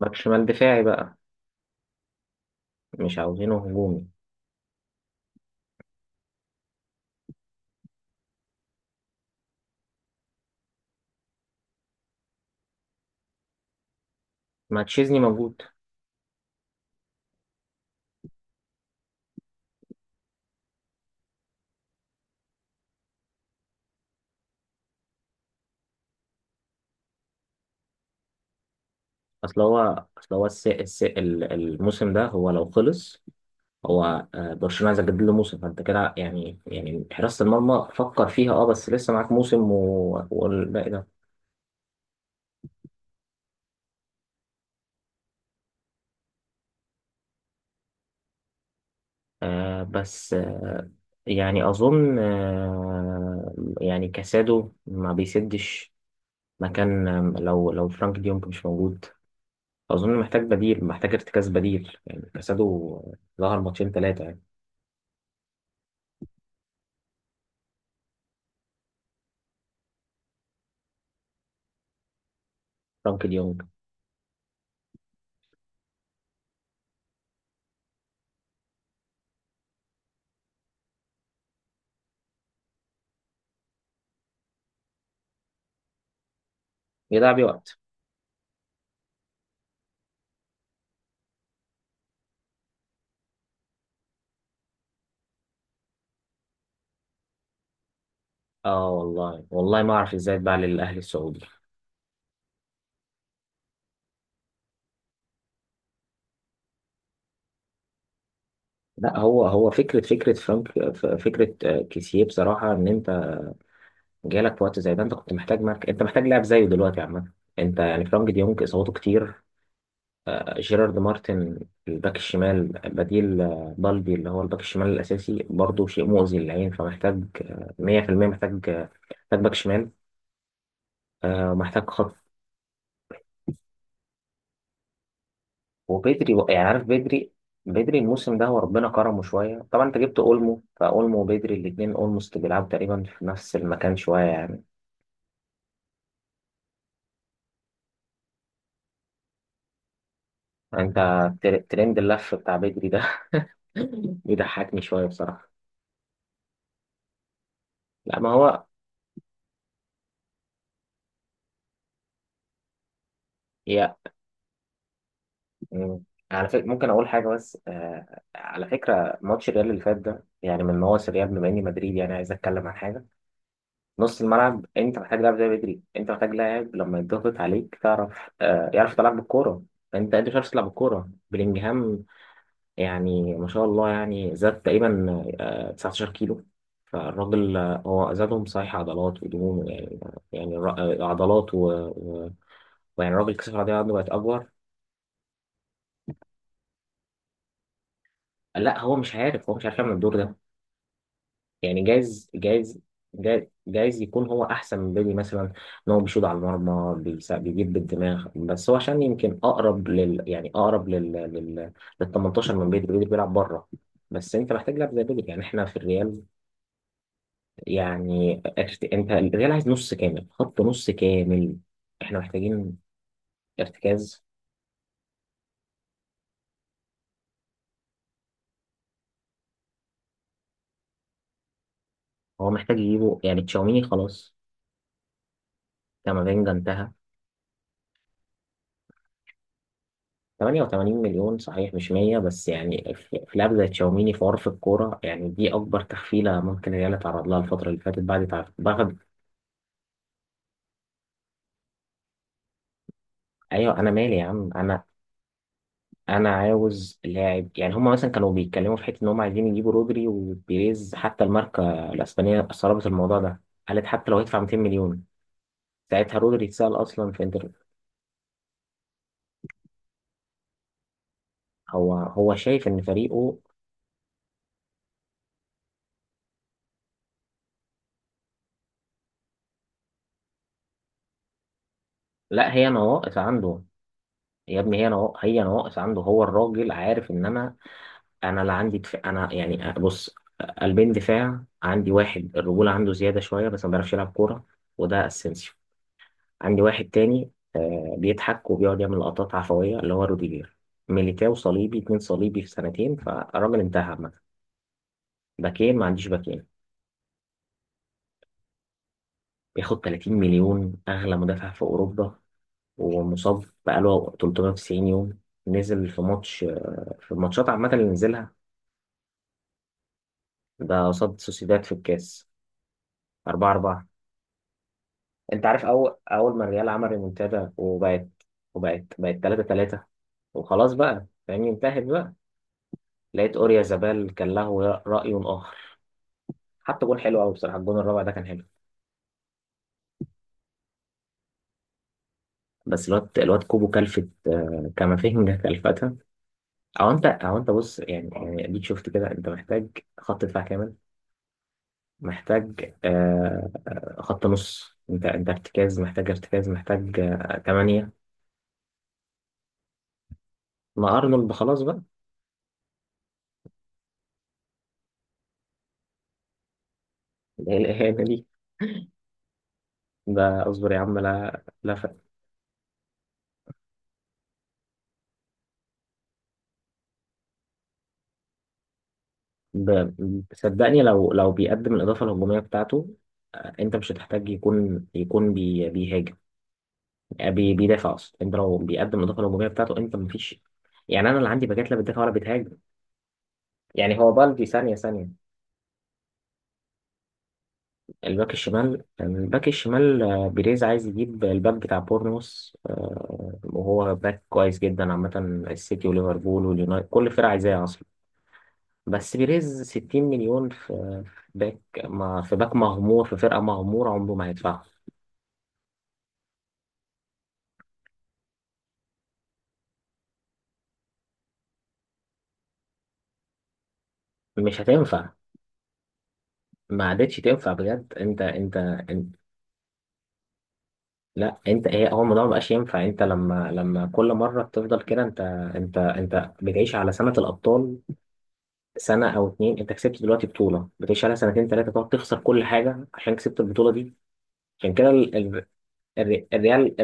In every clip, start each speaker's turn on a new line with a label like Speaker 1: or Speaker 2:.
Speaker 1: باك شمال دفاعي بقى. مش عاوزينه هجومي. ماتشيزني موجود. اصل هو الموسم ده هو لو خلص، هو برشلونة عايز يجدد له موسم، فانت كده يعني يعني حراسة المرمى فكر فيها بس لسه معاك موسم والباقي ده. بس يعني اظن يعني كاسادو ما بيسدش مكان، لو فرانك ديونج مش موجود. اظن محتاج بديل، محتاج ارتكاز بديل يعني. كاسادو ظهر ماتشين ثلاثة. فرانك ديونج يضيع بيه وقت. اه والله والله ما اعرف ازاي اتباع للاهلي السعودي. لا هو هو فكره فرانك، فكره كيسيه بصراحه، ان انت جالك في وقت زي ده انت كنت محتاج مارك. انت محتاج لاعب زيه دلوقتي عامه. انت يعني فرانك ديونج اصاباته كتير. جيرارد مارتن الباك الشمال بديل، بالدي اللي هو الباك الشمال الاساسي برضه شيء مؤذي للعين. فمحتاج 100% محتاج، محتاج باك شمال، محتاج خط. يعني عارف بدري، بدري الموسم ده هو ربنا كرمه شوية. طبعا انت جبت اولمو، فاولمو وبدري الاتنين اولموست بيلعبوا تقريبا في نفس المكان شوية يعني. انت ترند اللف بتاع بدري ده بيضحكني شوية بصراحة. لا ما هو هي. مم. على فكرة ممكن اقول حاجة، بس على فكرة ماتش الريال اللي فات ده يعني من نواصي الريال، بما اني مدريد يعني عايز اتكلم عن حاجة. نص الملعب انت محتاج لاعب زي بدري. انت محتاج لاعب لما يضغط عليك تعرف يعرف تلعب بالكوره. انت مش عارف تلعب بالكوره بلينجهام يعني. ما شاء الله يعني زاد تقريبا 19 كيلو. فالراجل هو زادهم صحيح عضلات ودهون يعني. يعني عضلات و... ويعني الراجل كسر العضلية عنده بقت اكبر. لا هو مش عارف، هو مش عارف يعمل الدور ده يعني. جايز يكون هو احسن من بيلي مثلا. ان هو بيشوط على المرمى، بيجيب بالدماغ. بس هو عشان يمكن اقرب لل يعني اقرب لل 18 من بيلي. بيلي بيلعب بره. بس انت محتاج لاعب زي بيلي يعني. احنا في الريال، يعني انت الريال عايز نص كامل، خط نص كامل. احنا محتاجين ارتكاز. هو محتاج يجيبه يعني. تشاوميني خلاص، كامافينجا انتهى. 88 مليون صحيح، مش 100 بس. يعني في لاعب زي تشاوميني في عرف الكورة، يعني دي أكبر تحفيلة ممكن الريال اتعرض لها الفترة اللي فاتت بعد تعرف بعد. أيوه أنا مالي يا عم أنا. أنا عاوز لاعب يعني. هما مثلا كانوا بيتكلموا في حتة إن هما عايزين يجيبوا رودري وبيريز، حتى الماركة الأسبانية استغربت الموضوع ده. قالت حتى لو هيدفع 200 مليون. ساعتها رودري اتسأل أصلا في انتر. هو هو شايف إن فريقه، لا هي نواقص عنده. يا ابني هي نواقص، هي نواقص عنده. هو الراجل عارف إن أنا، انا لا عندي دفاع. انا يعني بص، قلبين دفاع عندي. واحد الرجوله عنده زياده شويه بس ما بيعرفش يلعب كوره، وده اسينسيو. عندي واحد تاني بيضحك وبيقعد يعمل لقطات عفويه اللي هو روديجير. ميليتاو صليبي اتنين، صليبي في سنتين، فالراجل انتهى عامه. باكين، ما عنديش باكين. بياخد 30 مليون، اغلى مدافع في اوروبا، ومصاب بقاله 390 يوم. نزل في ماتش، في الماتشات عامه اللي نزلها، ده قصاد سوسيداد في الكاس 4-4. انت عارف اول ما الريال عمل ريمونتادا، وبقت 3 3، وخلاص بقى فاهمني، انتهت بقى. لقيت اوريا زبال كان له راي اخر. حتى جون حلو قوي بصراحه، الجون الرابع ده كان حلو. بس الواد كوبو كلفت كامافينجا كلفتها. او انت بص، يعني يعني اديك شفت كده. انت محتاج خط دفاع كامل، محتاج خط نص. انت ارتكاز، محتاج ارتكاز. محتج تمانية. ما ارنولد خلاص بقى. ايه الاهانه دي؟ ده اصبر يا عم، لا لا. ب- صدقني لو لو بيقدم الإضافة الهجومية بتاعته أنت مش هتحتاج يكون يكون بي بيهاجم. آه، بي بيدافع أصلا. أنت لو بيقدم الإضافة الهجومية بتاعته أنت مفيش. يعني أنا اللي عندي باكات لا بتدافع ولا بتهاجم. يعني هو بالدي ثانية ثانية. الباك الشمال، الباك الشمال، بيريز عايز يجيب الباك بتاع بورنموث، وهو باك كويس جدا عامة. السيتي وليفربول واليونايتد كل الفرق عايزاه أصلا. بس بيريز 60 مليون في باك، ما في باك مغمور في فرقة مغمورة عمره ما هيدفعها. مش هتنفع، ما عادتش تنفع بجد. انت لا انت ايه، هو الموضوع ما بقاش ينفع. انت لما لما كل مره بتفضل كده. انت بتعيش على سنه الابطال. سنه او اتنين انت كسبت دلوقتي بطوله، بتعيش على سنتين ثلاثه، تقعد تخسر كل حاجه عشان كسبت البطوله دي. عشان كده الريال، الريال,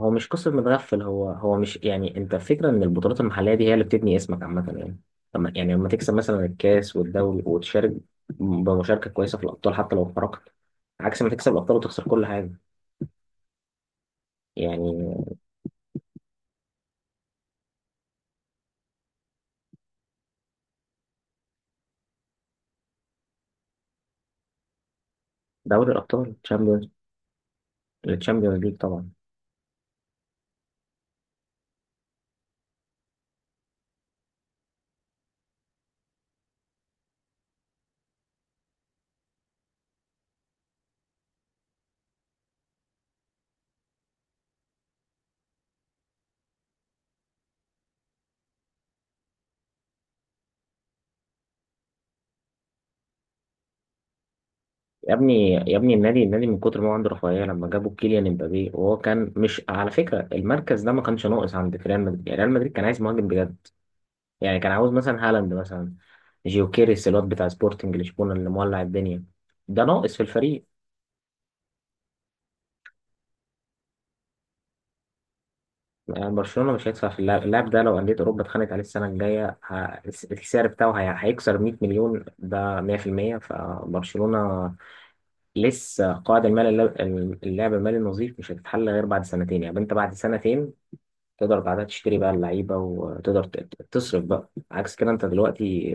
Speaker 1: هو مش قصة متغفل. هو هو مش يعني، انت فكرة ان البطولات المحلية دي هي اللي بتبني اسمك عامة يعني. لما يعني لما تكسب مثلا الكاس والدوري، وتشارك بمشاركة كويسة في الأبطال حتى لو خرجت، عكس ما تكسب الأبطال وتخسر كل حاجة يعني. دوري الأبطال، تشامبيونز، التشامبيونز ليج طبعا. يا ابني يا ابني النادي، النادي من كتر ما هو عنده رفاهية، لما جابوا كيليان امبابي وهو كان مش على فكرة، المركز ده ما كانش ناقص عند ريال مدريد. يعني ريال مدريد كان عايز مهاجم بجد. يعني كان عاوز مثلا هالاند مثلا، جيوكيريس الواد بتاع سبورتنج لشبونة اللي مولع الدنيا، ده ناقص في الفريق. يعني برشلونة مش هيدفع في اللاعب، اللاعب ده لو أندية أوروبا اتخانقت عليه السنة الجاية السعر بتاعه هيكسر 100 مليون ده 100%. فبرشلونة لسه قاعد، المال اللاعب المالي النظيف مش هتتحل غير بعد سنتين. يعني أنت بعد سنتين تقدر بعدها تشتري بقى اللعيبة، وتقدر تصرف بقى عكس كده. أنت دلوقتي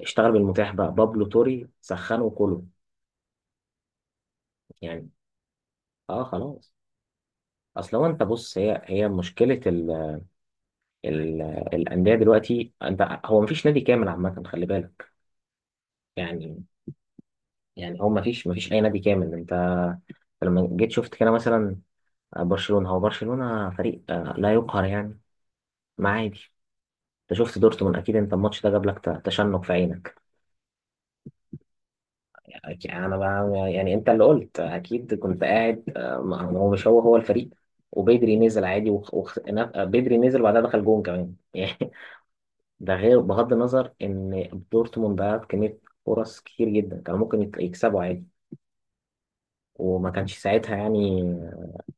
Speaker 1: اشتغل بالمتاح بقى، بابلو توري سخنه وكله يعني. اه خلاص. اصل هو انت بص، هي هي مشكله ال ال الانديه دلوقتي. انت هو مفيش نادي كامل عامه، خلي بالك. يعني يعني هو مفيش مفيش اي نادي كامل. انت لما جيت شفت كده مثلا، برشلونه، هو برشلونه فريق لا يقهر يعني. ما عادي، انت شفت دورتموند اكيد، انت الماتش ده جاب لك تشنج في عينك يعني. انا بقى يعني انت اللي قلت. اكيد كنت قاعد ما هو مش هو هو الفريق. وبدري نزل عادي بدري نزل، وبعدها دخل جون كمان ده غير بغض النظر ان دورتموند ضيعت كميه فرص كتير جدا كانوا ممكن يكسبوا عادي، وما كانش ساعتها يعني.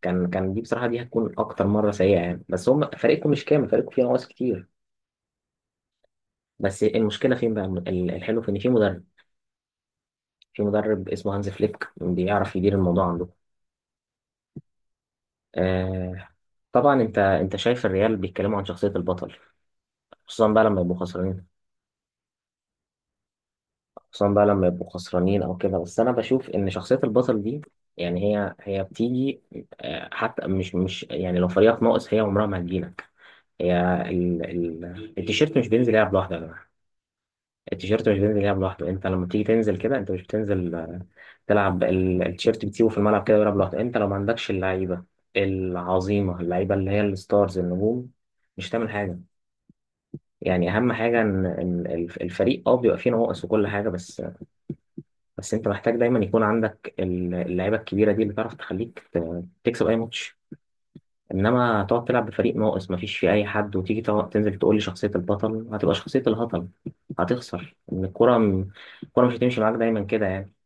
Speaker 1: كان كان دي بصراحه دي هتكون اكتر مره سيئه يعني، بس هم فريقكم مش كامل، فريقكم فيه نواقص كتير. بس المشكله فين بقى، الحلو في ان في مدرب، في مدرب اسمه هانز فليك بيعرف يدير الموضوع عنده. آه. طبعا انت انت شايف الريال بيتكلموا عن شخصيه البطل، خصوصا بقى لما يبقوا خسرانين. خصوصا بقى لما يبقوا خسرانين او كده، بس انا بشوف ان شخصيه البطل دي يعني هي هي بتيجي، حتى مش مش يعني لو فريقك ناقص هي عمرها ما هتجيلك. هي ال ال التيشيرت مش بينزل يلعب لوحده يا جماعه. التيشيرت مش بينزل يلعب لوحده. انت لما بتيجي تنزل كده انت مش بتنزل تلعب التيشيرت، بتسيبه في الملعب كده ويلعب لوحده. انت لو ما عندكش اللعيبه العظيمه، اللعيبه اللي هي الستارز النجوم، مش هتعمل حاجه. يعني اهم حاجه ان إن الفريق بيبقى فيه نواقص وكل حاجه، بس بس انت محتاج دايما يكون عندك اللعيبه الكبيره دي اللي تعرف تخليك تكسب اي ماتش. انما تقعد تلعب بفريق ناقص مفيش فيه اي حد، وتيجي تنزل تقول لي شخصيه البطل هتبقى شخصيه الهطل. هتخسر، ان الكره مش هتمشي معاك دايما كده يعني.